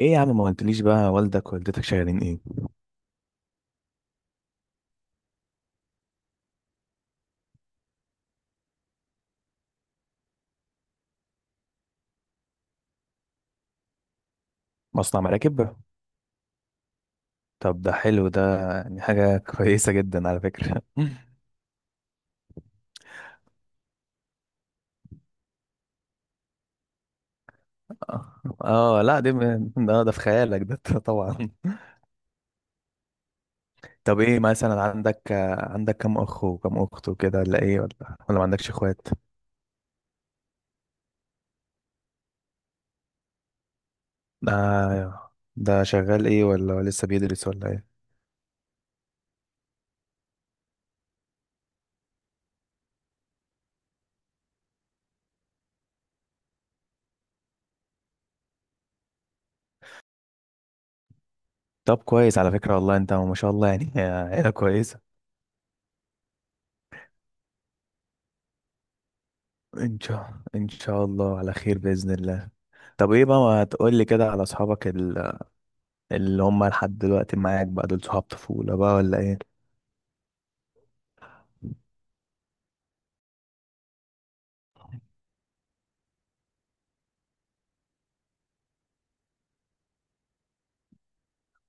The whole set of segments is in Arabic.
ايه يا عم، ما قلتليش بقى، والدك ووالدتك شغالين ايه؟ مصنع مراكب. طب ده حلو، ده يعني حاجة كويسة جدا على فكرة. اه. آه، لا، دي ده في خيالك ده. طبعا. طب، ايه مثلا عندك كم اخ وكم اخت وكده، ولا ايه، ولا ما عندكش اخوات؟ ده ده شغال ايه، ولا لسه بيدرس، ولا ايه؟ طب كويس على فكرة، والله انت ما شاء الله يعني. عيلة كويسة. ان شاء الله على خير بإذن الله. طب ايه بقى، ما تقول لي كده على اصحابك، اللي هم لحد دلوقتي معاك بقى، دول صحاب طفولة بقى، ولا ايه؟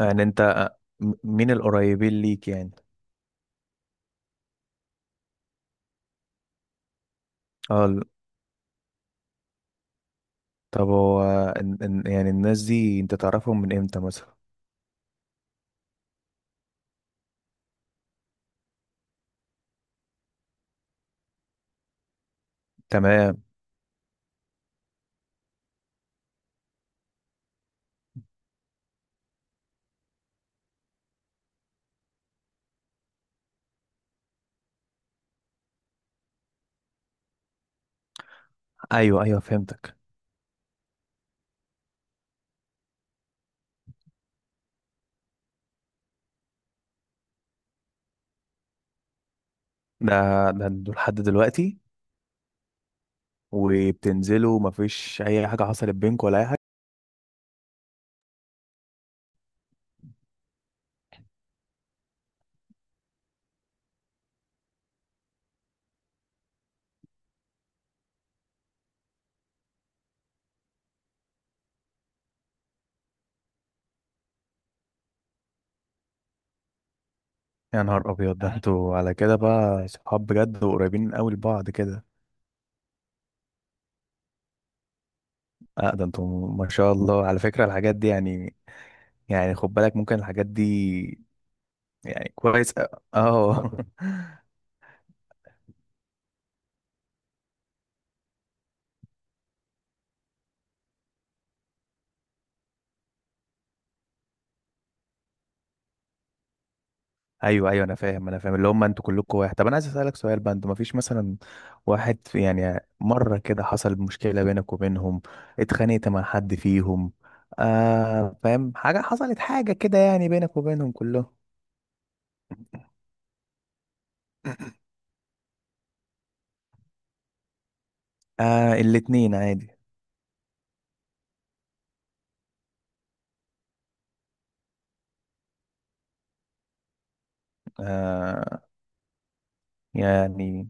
يعني انت، مين القريبين ليك يعني؟ اه طب هو، يعني الناس دي انت تعرفهم من امتى مثلا؟ تمام. ايوه ايوه، فهمتك. ده ده دول لحد دلوقتي؟ وبتنزلوا، مفيش اي حاجة حصلت بينكم ولا اي حاجة؟ يا نهار ابيض، ده انتوا على كده بقى صحاب بجد، وقريبين قوي لبعض كده. اه، ده انتوا ما شاء الله على فكرة، الحاجات دي يعني، يعني خد بالك، ممكن الحاجات دي يعني كويس. اه. ايوه ايوه، انا فاهم انا فاهم، اللي هم انتوا كلكم واحد. طب انا عايز اسالك سؤال بقى، انتوا ما فيش مثلا واحد، في يعني مره كده حصل مشكله بينك وبينهم؟ اتخانقت مع حد فيهم؟ آه، فاهم، حاجه حصلت، حاجه كده يعني بينك وبينهم كلهم؟ آه، الاتنين عادي. آه، يعني،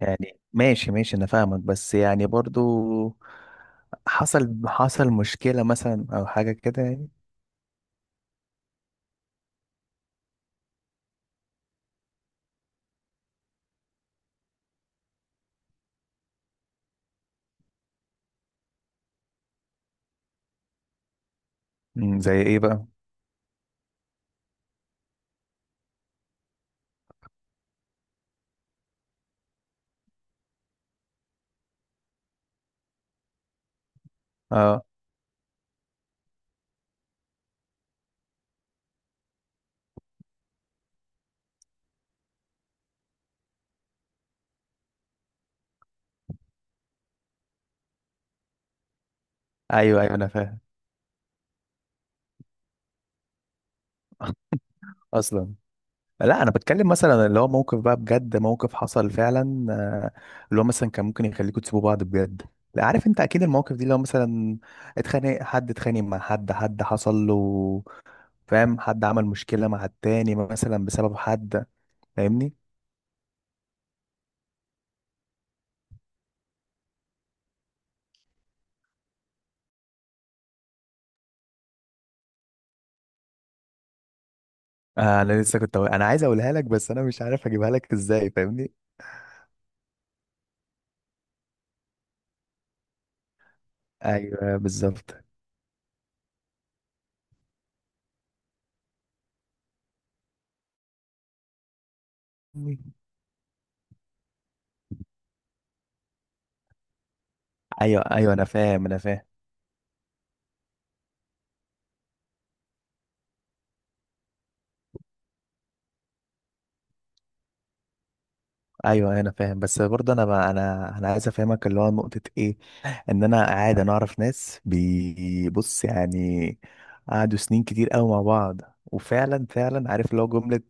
يعني ماشي ماشي، انا فاهمك، بس يعني برضو حصل مشكله مثلا، او حاجه كده يعني؟ مم، زي ايه بقى؟ آه. ايوه ايوه، انا فاهم. اصلا لا، انا بتكلم مثلا اللي هو موقف بقى بجد، موقف حصل فعلا، آه، اللي هو مثلا كان ممكن يخليكوا تسيبوا بعض بجد. لا، عارف انت، اكيد المواقف دي لو مثلا اتخانق مع حد، حد حصل له، فاهم، حد عمل مشكلة مع التاني مثلا بسبب حد، فاهمني؟ آه، انا لسه كنت انا عايز اقولها لك، بس انا مش عارف اجيبها لك ازاي، فاهمني؟ ايوه بالظبط. ايوه ايوه، انا فاهم انا فاهم. ايوه أيوه، انا فاهم، بس برضه انا بقى انا عايز افهمك، اللي هو نقطه ايه. ان انا قاعد، انا اعرف ناس بيبص يعني، قعدوا سنين كتير قوي مع بعض، وفعلا فعلا عارف، لو جمله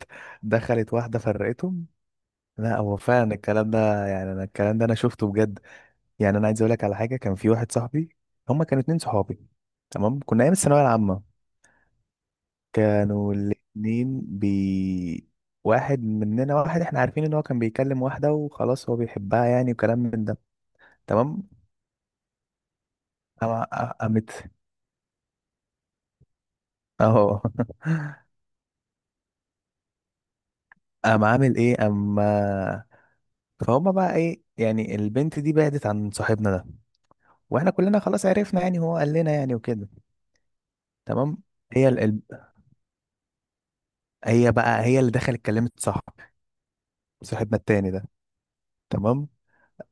دخلت واحده فرقتهم. لا، هو فعلا الكلام ده، يعني انا الكلام ده انا شفته بجد. يعني انا عايز اقول لك على حاجه، كان في واحد صاحبي، هما كانوا اتنين صحابي، تمام. كنا ايام الثانويه العامه، كانوا الاتنين واحد مننا، واحد احنا عارفين ان هو كان بيكلم واحدة، وخلاص هو بيحبها يعني، وكلام من ده، تمام. قامت، اهو. قام عامل ايه اما فهم بقى، ايه يعني، البنت دي بعدت عن صاحبنا ده، واحنا كلنا خلاص عرفنا، يعني هو قال لنا يعني، وكده، تمام. هي ال... ال- هي بقى، هي اللي دخلت كلمت صاحب، صاحبنا التاني ده، تمام.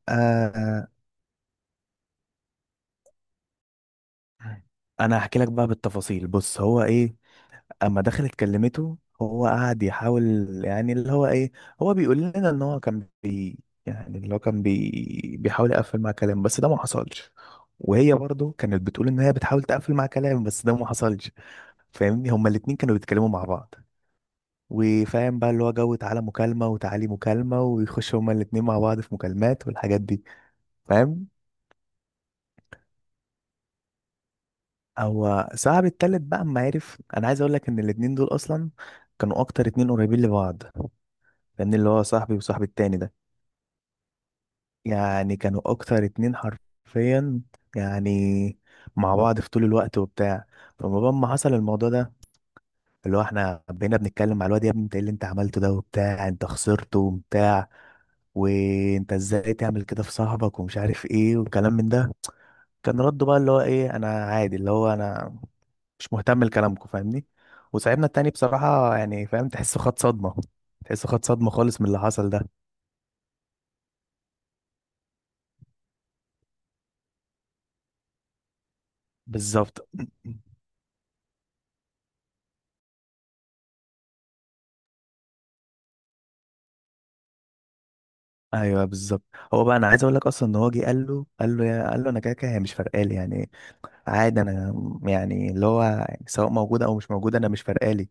آه، انا هحكي لك بقى بالتفاصيل، بص، هو ايه، اما دخلت كلمته هو قعد يحاول، يعني اللي هو ايه، هو بيقول لنا ان هو كان يعني اللي هو كان بيحاول يقفل مع كلام، بس ده ما حصلش. وهي برضو كانت بتقول ان هي بتحاول تقفل مع كلام، بس ده ما حصلش. فاهمني، هما الاتنين كانوا بيتكلموا مع بعض، وفاهم بقى اللي هو، جو تعالى مكالمة وتعالي مكالمة، ويخشوا هما الاتنين مع بعض في مكالمات، والحاجات دي، فاهم. هو صاحب التالت بقى اما عرف، انا عايز اقول لك ان الاتنين دول اصلا كانوا اكتر اتنين قريبين لبعض، لان اللي هو صاحبي وصاحبي التاني ده، يعني كانوا اكتر اتنين حرفيا، يعني مع بعض في طول الوقت وبتاع. فما ما حصل الموضوع ده، اللي هو احنا بقينا بنتكلم مع الواد، يا ابني انت ايه اللي انت عملته ده وبتاع، انت خسرته وبتاع، وانت ازاي تعمل كده في صاحبك، ومش عارف ايه، والكلام من ده. كان رده بقى اللي هو ايه، انا عادي، اللي هو انا مش مهتم لكلامكم، فاهمني. وصاحبنا التاني بصراحة يعني فاهم، تحسه خد صدمة، تحسه خد صدمة خالص من اللي حصل ده. بالظبط. ايوه بالظبط. هو بقى، انا عايز اقول لك اصلا ان هو جه قال له، انا كده كده هي مش فارقالي يعني، عادي انا، يعني اللي هو سواء موجوده او مش موجوده، انا مش فارقالي.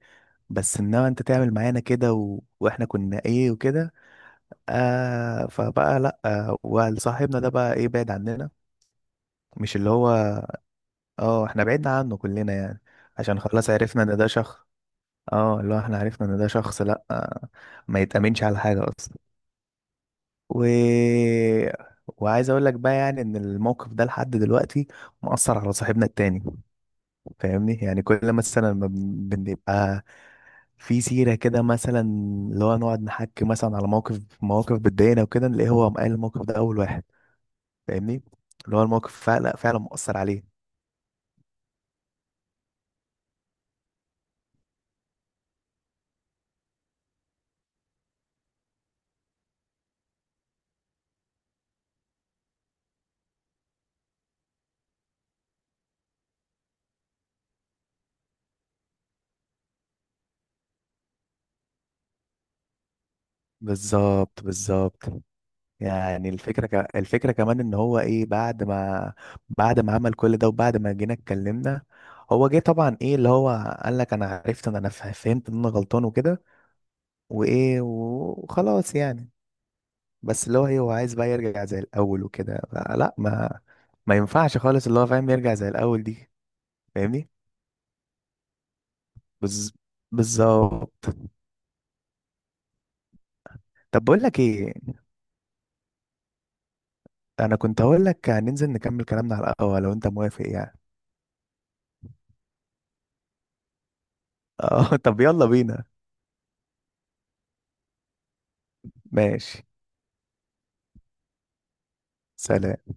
بس انما انت تعمل معانا كده، و... واحنا كنا ايه وكده، آه. فبقى لا، آه، وصاحبنا ده بقى ايه، بعد عننا، مش اللي هو، اه احنا بعدنا عنه كلنا يعني، عشان خلاص عرفنا ان ده شخص، اه اللي هو احنا عرفنا ان ده شخص، لا، آه، ما يتأمنش على حاجه اصلا. و... وعايز اقول لك بقى يعني، ان الموقف ده لحد دلوقتي مأثر على صاحبنا التاني، فاهمني. يعني كل مثلا ما بنبقى في سيرة كده مثلا، اللي هو نقعد نحكي مثلا على مواقف بتضايقنا وكده، نلاقيه هو قال الموقف ده اول واحد، فاهمني، اللي هو الموقف فعلا فعلا مؤثر عليه. بالظبط بالظبط. يعني الفكرة الفكرة كمان ان هو ايه، بعد ما عمل كل ده، وبعد ما جينا اتكلمنا، هو جه طبعا ايه اللي هو قال لك انا عرفت ان انا فهمت ان انا غلطان، وكده، وايه، وخلاص يعني. بس اللي هو ايه، هو عايز بقى يرجع زي الاول وكده، لا ما ينفعش خالص، اللي هو فاهم، يرجع زي الاول دي؟ فاهمني. بز... بالظبط. طب بقول لك ايه، انا كنت هقول لك هننزل نكمل كلامنا على القهوة لو انت موافق يعني. اه طب يلا بينا. ماشي، سلام.